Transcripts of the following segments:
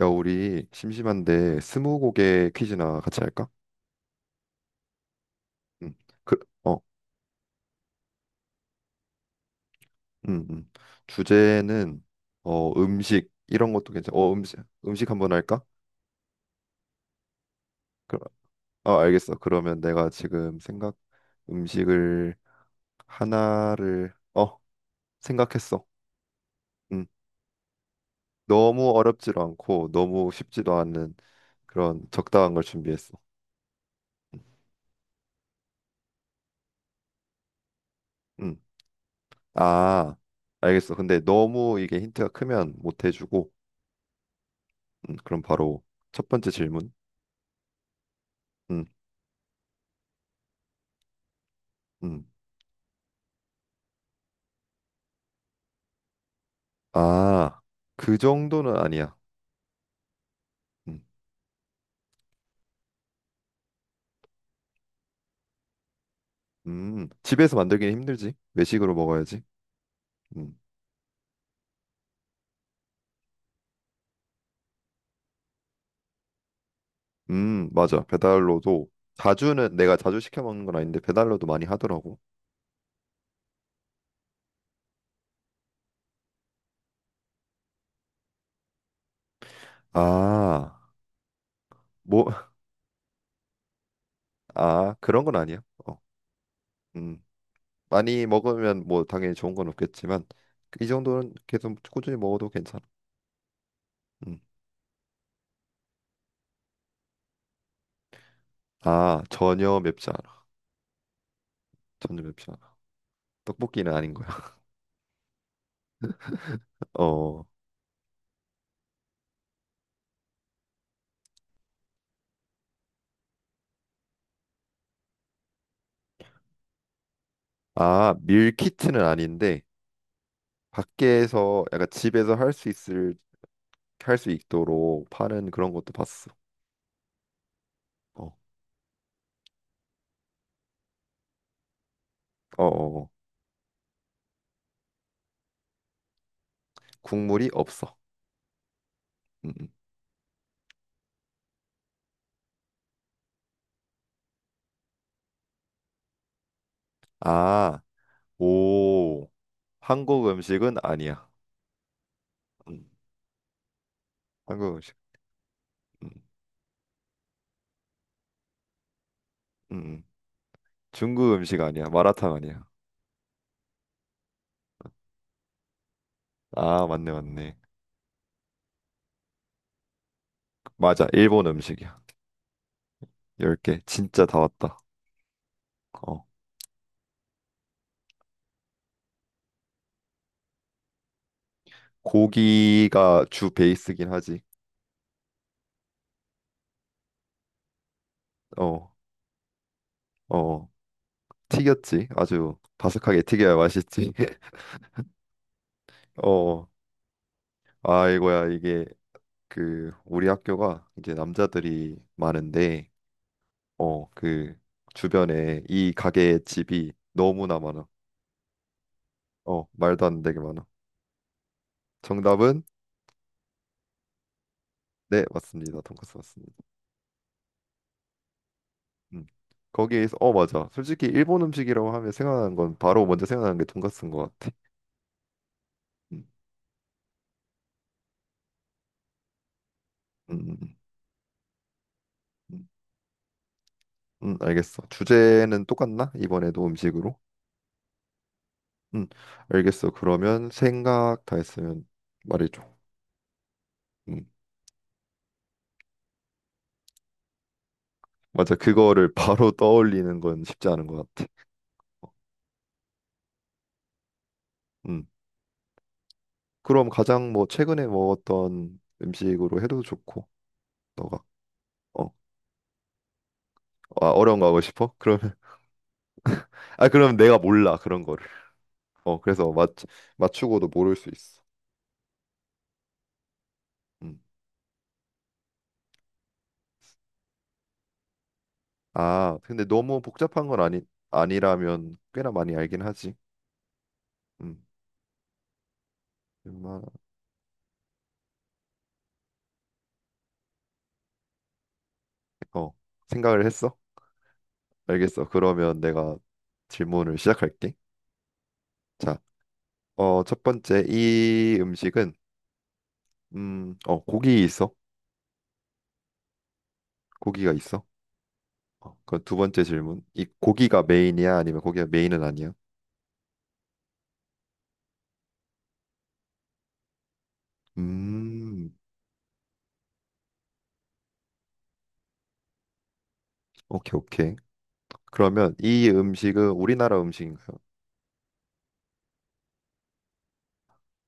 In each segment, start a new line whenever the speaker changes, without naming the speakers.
야, 우리 심심한데 스무고개 퀴즈나 같이 할까? 응. 그, 어, 음, 음. 주제는 음식 이런 것도 괜찮아. 음식 한번 할까? 그, 아 알겠어. 그러면 내가 지금 생각 음식을 하나를 생각했어. 음. 너무 어렵지도 않고 너무 쉽지도 않은 그런 적당한 걸 준비했어. 음. 아, 알겠어. 근데 너무 이게 힌트가 크면 못 해주고, 그럼 바로 첫 번째 질문. 음, 음. 아, 그 정도는 아니야. 음, 집에서 만들기는 힘들지. 외식으로 먹어야지. 음, 맞아. 배달로도 자주는 내가 자주 시켜 먹는 건 아닌데 배달로도 많이 하더라고. 아, 뭐, 아, 그런 건 아니야. 어, 음, 많이 먹으면 뭐 당연히 좋은 건 없겠지만 이 정도는 계속 꾸준히 먹어도 괜찮아. 음. 아, 전혀 맵지 않아. 전혀 맵지 않아. 떡볶이는 아닌 거야. 어, 아, 밀키트는 아닌데. 밖에서 약간 집에서 할 수 있도록 파는 그런 것도 봤어. 어, 어, 어. 어. 국물이 없어. 음, 음. 아, 오, 한국 음식은 아니야. 음, 한국 음식. 음, 음, 음. 중국 음식 아니야. 마라탕 아니야. 아, 맞네, 맞네. 맞아, 일본 음식이야. 10개 진짜 다 왔다. 어, 고기가 주 베이스긴 하지. 어, 어, 튀겼지. 아주 바삭하게 튀겨야 맛있지. 어. 아이고야 이게 우리 학교가 이제 남자들이 많은데 어 그 주변에 이 가게의 집이 너무나 많아 말도 안 되게 많아 정답은 네 맞습니다 돈까스 맞습니다 음 거기에서 맞아 솔직히 일본 음식이라고 하면 생각나는 건 바로 먼저 생각나는 게 돈까스인 것 같아 음, 음, 음, 음, 음, 알겠어 주제는 똑같나 이번에도 음식으로 음 알겠어 그러면 생각 다 했으면 말해줘 음. 맞아. 그거를 바로 떠올리는 건 쉽지 않은 것 같아. 음. 그럼 가장 뭐 최근에 먹었던 음식으로 해도 좋고, 너가 어, 아, 어려운 거 하고 싶어? 그러면 아 그럼 내가 몰라 그런 거를. 그래서 맞 맞추고도 모를 수 있어. 음. 아 근데 너무 복잡한 건 아니 아니라면 꽤나 많이 알긴 하지. 음. 웬만- 어 생각을 했어? 알겠어. 그러면 내가 질문을 시작할게. 자, 첫 번째 이 음식은 고기 있어? 고기가 있어? 그럼 두 번째 질문. 이 고기가 메인이야? 아니면 고기가 메인은 아니야? 음, 오케이, 오케이. 그러면 이 음식은 우리나라 음식인가요?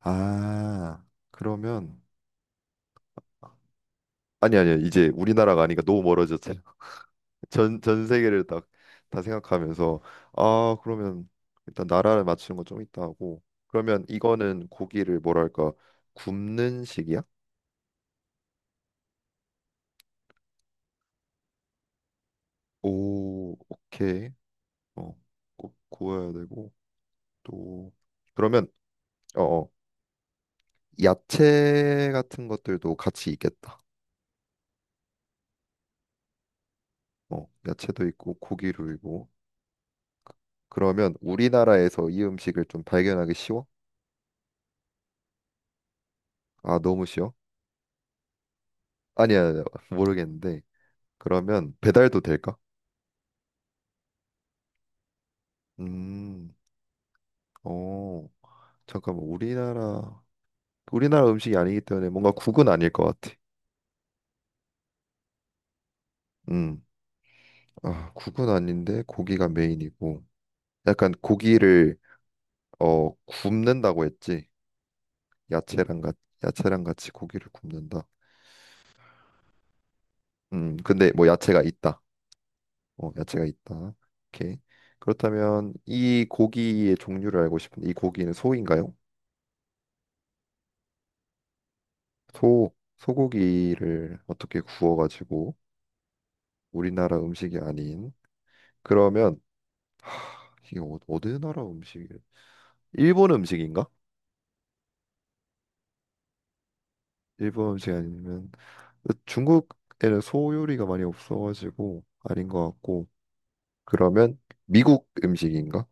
아, 그러면 아니 아니야. 이제 우리나라가 아니니까 너무 멀어졌잖아. 전 세계를 딱 다 생각하면서 아, 그러면 일단 나라를 맞추는 건 좀 있다 하고. 그러면 이거는 고기를 뭐랄까 굽는 식이야? 오, 오케이. 어, 구워야 되고 또 그러면 어, 어. 야채 같은 것들도 같이 있겠다. 어, 야채도 있고 고기도 있고. 그러면 우리나라에서 이 음식을 좀 발견하기 쉬워? 아, 너무 쉬워? 아니야, 아니야. 모르겠는데. 그러면 배달도 될까? 음, 어, 잠깐만. 우리나라 음식이 아니기 때문에 뭔가 국은 아닐 것 같아. 음, 아, 국은 아닌데 고기가 메인이고. 약간 고기를 굽는다고 했지. 야채랑 같 야채랑 같이 고기를 굽는다. 근데 뭐 야채가 있다. 어, 야채가 있다. 오케이. 그렇다면 이 고기의 종류를 알고 싶은데 이 고기는 소인가요? 소, 소고기를 어떻게 구워가지고 우리나라 음식이 아닌 그러면 이게 어느 나라 음식이? 일본 음식인가? 일본 음식 아니면 중국에는 소 요리가 많이 없어가지고 아닌 것 같고 그러면 미국 음식인가?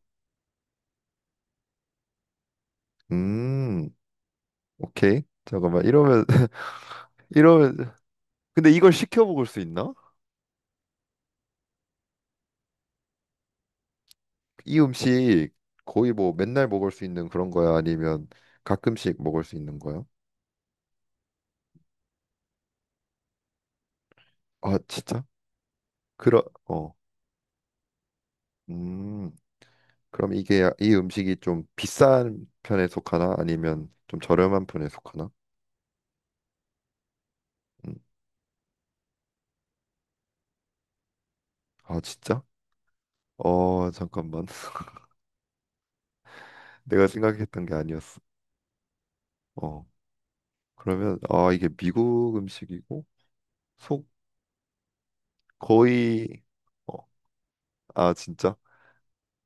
음, 오케이. 잠깐만 이러면 이러면 근데 이걸 시켜 먹을 수 있나? 이 음식 거의 뭐 맨날 먹을 수 있는 그런 거야? 아니면 가끔씩 먹을 수 있는 거야? 아, 진짜? 그러, 어, 음, 그럼 이게 이 음식이 좀 비싼 편에 속하나? 아니면 좀 저렴한 편에 속하나? 음, 아, 진짜? 잠깐만. 내가 생각했던 게 아니었어. 어, 그러면, 아, 이게 미국 음식이고, 속, 거의, 어, 아, 진짜?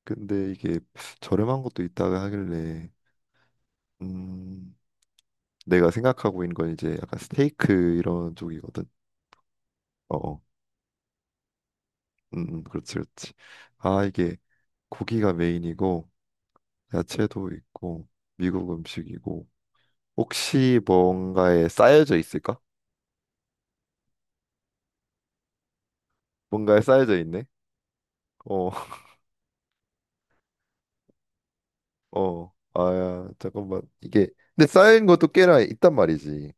근데 이게 저렴한 것도 있다고 하길래, 음, 내가 생각하고 있는 건 이제 약간 스테이크 이런 쪽이거든. 어, 어. 그렇지, 그렇지. 아, 이게 고기가 메인이고 야채도 있고 미국 음식이고 혹시 뭔가에 쌓여져 있을까? 뭔가에 쌓여져 있네. 어, 어. 아야, 잠깐만. 이게 근데 쌓인 것도 꽤나 있단 말이지.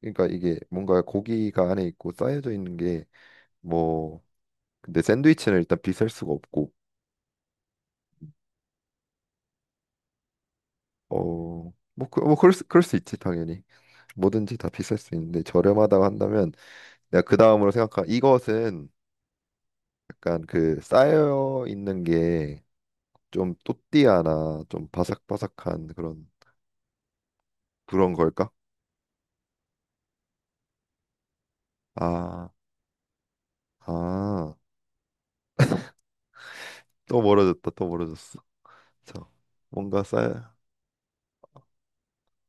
그러니까 이게 뭔가 고기가 안에 있고 쌓여져 있는 게 뭐 근데 샌드위치는 일단 비쌀 수가 없고 어, 뭐, 뭐 그럴 수 있지 당연히 뭐든지 다 비쌀 수 있는데 저렴하다고 한다면 내가 그 다음으로 생각한 이것은 약간 그 쌓여 있는 게 좀 또띠아나 좀 바삭바삭한 그런 걸까? 아, 아, 또 멀어졌다, 또 멀어졌어. 자, 뭔가 쌓여,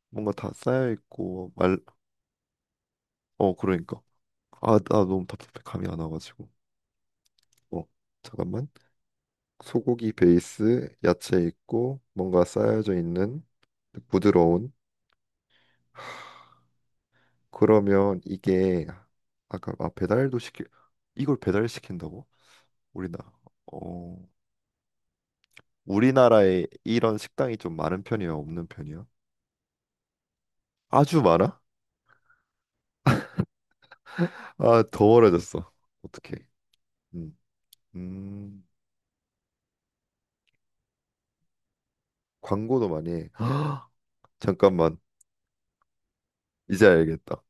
뭔가 다 쌓여 있고 말, 어, 그러니까. 아, 나 너무 답답해 감이 안 와가지고. 어, 잠깐만. 소고기 베이스 야채 있고 뭔가 쌓여져 있는 부드러운 그러면 이게 아까 아 배달도 시키 이걸 배달시킨다고? 우리나라 어 우리나라에 이런 식당이 좀 많은 편이야 없는 편이야? 아주 많아? 아 더 멀어졌어 어떡해 음, 음 광고도 많이 해 잠깐만 이제 알겠다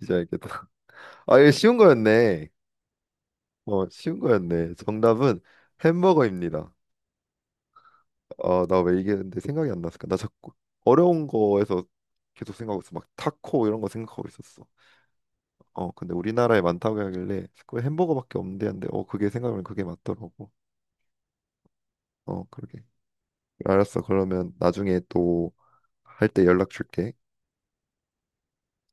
이제 알겠다 아 이거 쉬운 거였네 쉬운 거였네 정답은 햄버거입니다 아, 나 왜 얘기했는데 생각이 안 났을까? 나 자꾸 어려운 거에서 계속 생각하고 있어. 막 타코 이런 거 생각하고 있었어. 어, 근데 우리나라에 많다고 하길래 자꾸 햄버거밖에 없는데 한데 그게 생각하면 그게 맞더라고. 어, 그러게. 알았어. 그러면 나중에 또 할 때 연락 줄게.